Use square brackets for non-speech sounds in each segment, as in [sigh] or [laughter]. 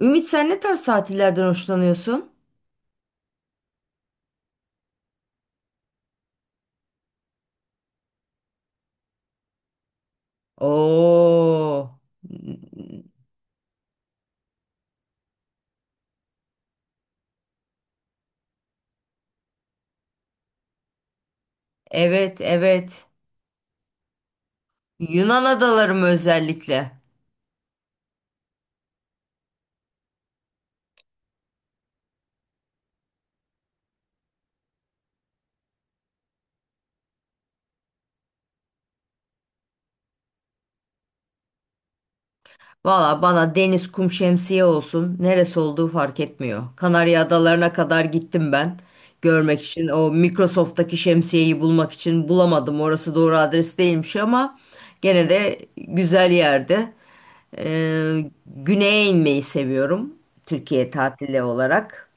Ümit sen ne tarz tatillerden hoşlanıyorsun? Oo. Evet, evet. Yunan adaları mı özellikle? Valla bana deniz, kum, şemsiye olsun. Neresi olduğu fark etmiyor. Kanarya adalarına kadar gittim ben. Görmek için o Microsoft'taki şemsiyeyi bulmak için bulamadım. Orası doğru adres değilmiş ama gene de güzel yerde. Ee, Güneye inmeyi seviyorum. Türkiye tatili olarak.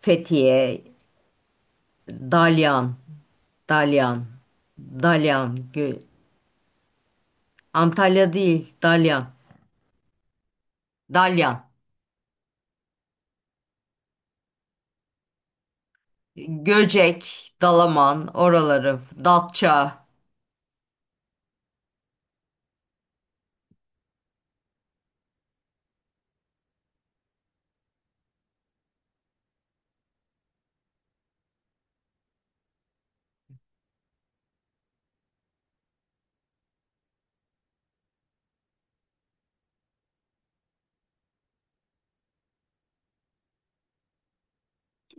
Fethiye, Dalyan, Dalyan, Dalyan, Gö- Antalya değil, Dalyan, Dalyan, Göcek, Dalaman, oraları, Datça.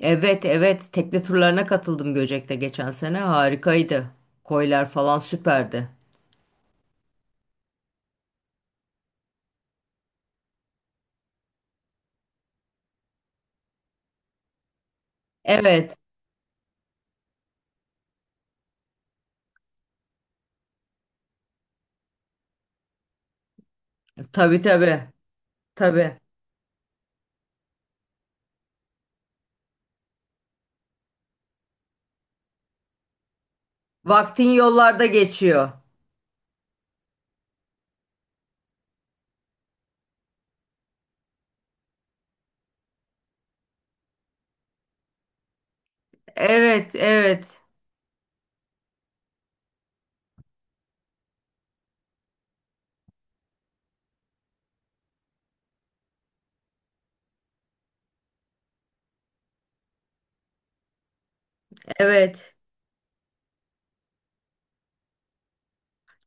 Evet, evet, tekne turlarına katıldım Göcek'te geçen sene, harikaydı. Koylar falan süperdi. Evet, tabii tabii, tabii. Vaktin yollarda geçiyor. Evet, evet, evet.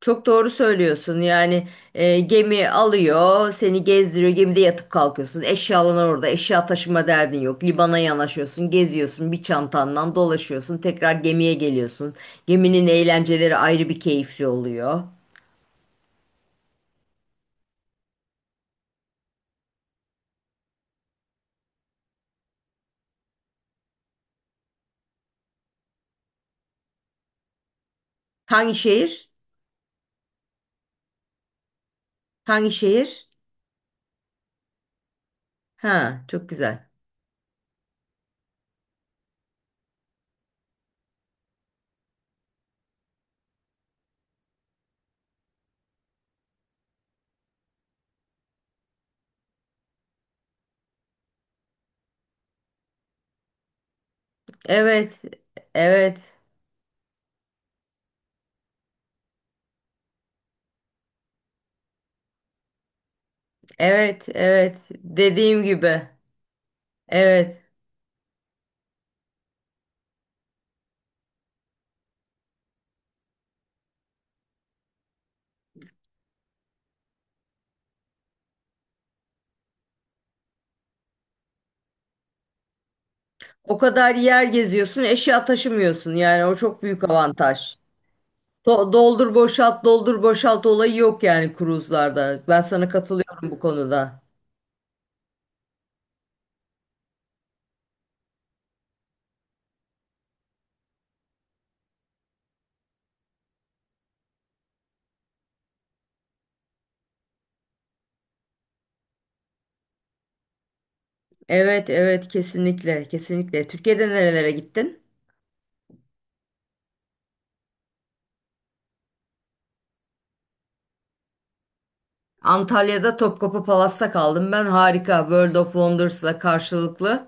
Çok doğru söylüyorsun. Yani gemi alıyor, seni gezdiriyor. Gemide yatıp kalkıyorsun. Eşyalan orada. Eşya taşıma derdin yok. Libana yanaşıyorsun, geziyorsun. Bir çantandan dolaşıyorsun. Tekrar gemiye geliyorsun. Geminin eğlenceleri ayrı bir keyifli oluyor. Hangi şehir? Hangi şehir? Ha, çok güzel. Evet. Evet. Evet, evet. Dediğim gibi. Evet. O kadar yer geziyorsun, eşya taşımıyorsun. Yani o çok büyük avantaj. Doldur boşalt doldur boşalt olayı yok yani kruzlarda. Ben sana katılıyorum bu konuda. Evet evet, kesinlikle kesinlikle. Türkiye'de nerelere gittin? Antalya'da Topkapı Palas'ta kaldım. Ben harika World of Wonders'la karşılıklı.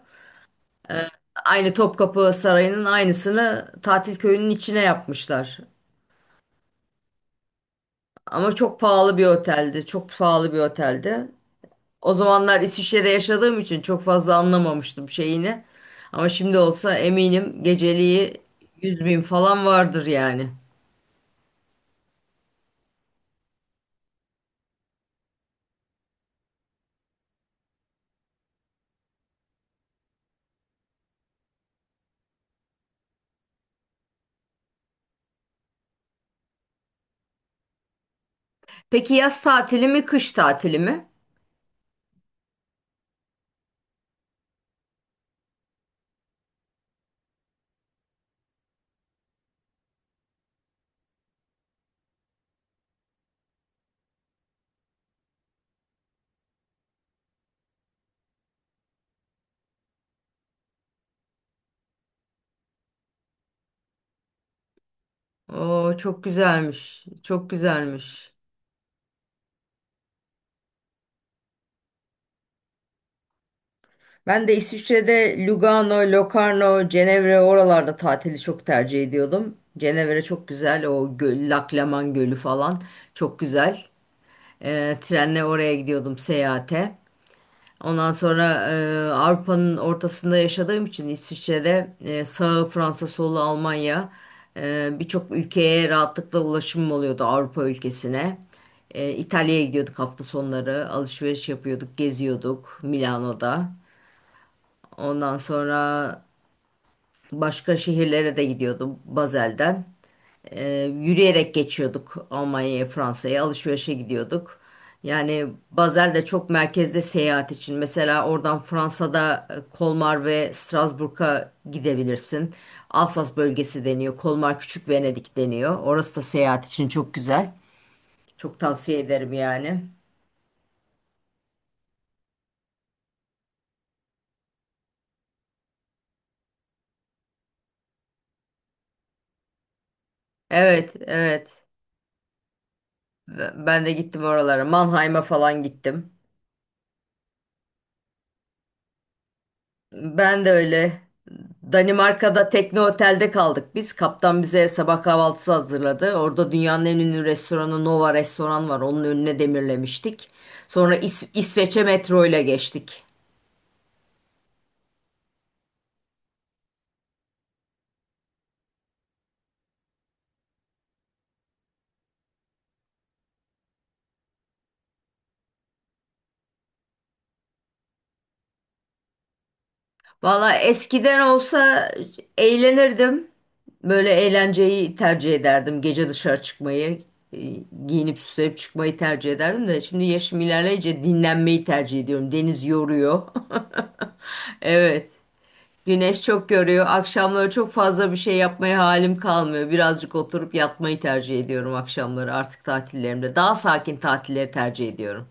Aynı Topkapı Sarayı'nın aynısını tatil köyünün içine yapmışlar. Ama çok pahalı bir oteldi. Çok pahalı bir oteldi. O zamanlar İsviçre'de yaşadığım için çok fazla anlamamıştım şeyini. Ama şimdi olsa eminim geceliği 100.000 falan vardır yani. Peki yaz tatili mi kış tatili mi? Oo çok güzelmiş. Çok güzelmiş. Ben de İsviçre'de Lugano, Locarno, Cenevre oralarda tatili çok tercih ediyordum. Cenevre çok güzel. O göl, Laklaman Gölü falan çok güzel. Trenle oraya gidiyordum seyahate. Ondan sonra Avrupa'nın ortasında yaşadığım için İsviçre'de sağı Fransa, solu Almanya, birçok ülkeye rahatlıkla ulaşımım oluyordu Avrupa ülkesine. E, İtalya'ya gidiyorduk hafta sonları, alışveriş yapıyorduk, geziyorduk Milano'da. Ondan sonra başka şehirlere de gidiyordum Bazel'den. Yürüyerek geçiyorduk Almanya'ya, Fransa'ya alışverişe gidiyorduk. Yani Basel de çok merkezde seyahat için. Mesela oradan Fransa'da Kolmar ve Strasbourg'a gidebilirsin. Alsas bölgesi deniyor. Kolmar Küçük Venedik deniyor. Orası da seyahat için çok güzel. Çok tavsiye ederim yani. Evet, evet. Ben de gittim oralara. Mannheim'a falan gittim. Ben de öyle. Danimarka'da tekne otelde kaldık biz. Kaptan bize sabah kahvaltısı hazırladı. Orada dünyanın en ünlü restoranı Nova restoran var. Onun önüne demirlemiştik. Sonra İsveç'e metro ile geçtik. Valla eskiden olsa eğlenirdim. Böyle eğlenceyi tercih ederdim. Gece dışarı çıkmayı, e, giyinip süslenip çıkmayı tercih ederdim de şimdi yaşım ilerleyince dinlenmeyi tercih ediyorum. Deniz yoruyor. [laughs] Evet. Güneş çok görüyor. Akşamları çok fazla bir şey yapmaya halim kalmıyor. Birazcık oturup yatmayı tercih ediyorum akşamları artık tatillerimde. Daha sakin tatilleri tercih ediyorum.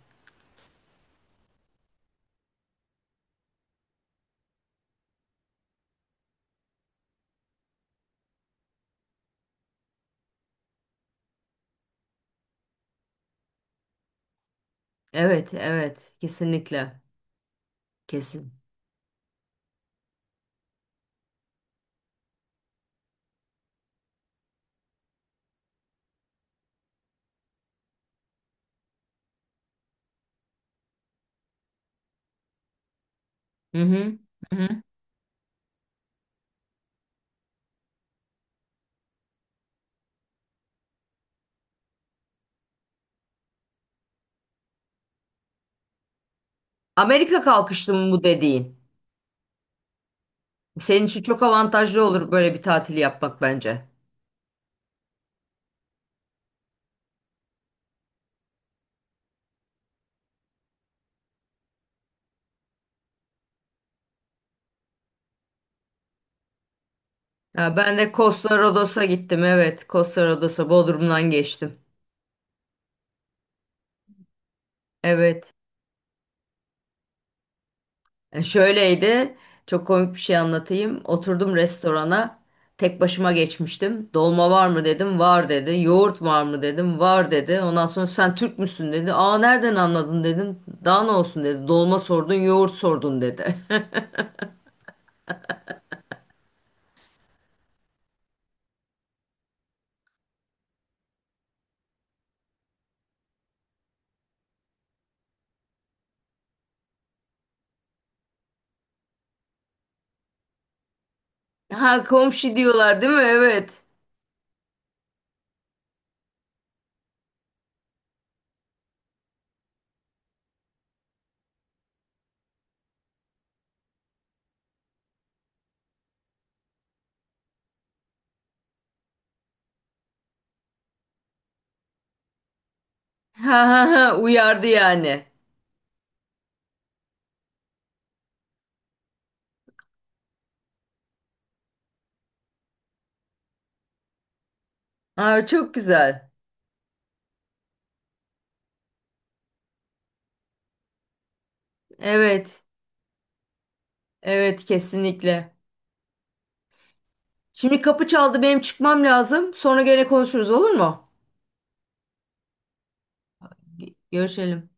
Evet, evet. Kesinlikle. Kesin. Hı hı. Hı hı. Amerika kalkışlı mı bu dediğin? Senin için çok avantajlı olur böyle bir tatil yapmak bence. Ya ben de Costa Rodos'a gittim. Evet, Costa Rodos'a Bodrum'dan geçtim. Evet. E, şöyleydi. Çok komik bir şey anlatayım. Oturdum restorana. Tek başıma geçmiştim. Dolma var mı dedim. Var dedi. Yoğurt var mı dedim. Var dedi. Ondan sonra sen Türk müsün dedi. Aa nereden anladın dedim. Daha ne olsun dedi. Dolma sordun, yoğurt sordun dedi. [laughs] Ha, komşu diyorlar değil mi? Evet. Ha ha ha, uyardı yani. Aa çok güzel. Evet. Evet kesinlikle. Şimdi kapı çaldı benim çıkmam lazım. Sonra gene konuşuruz olur mu? Görüşelim.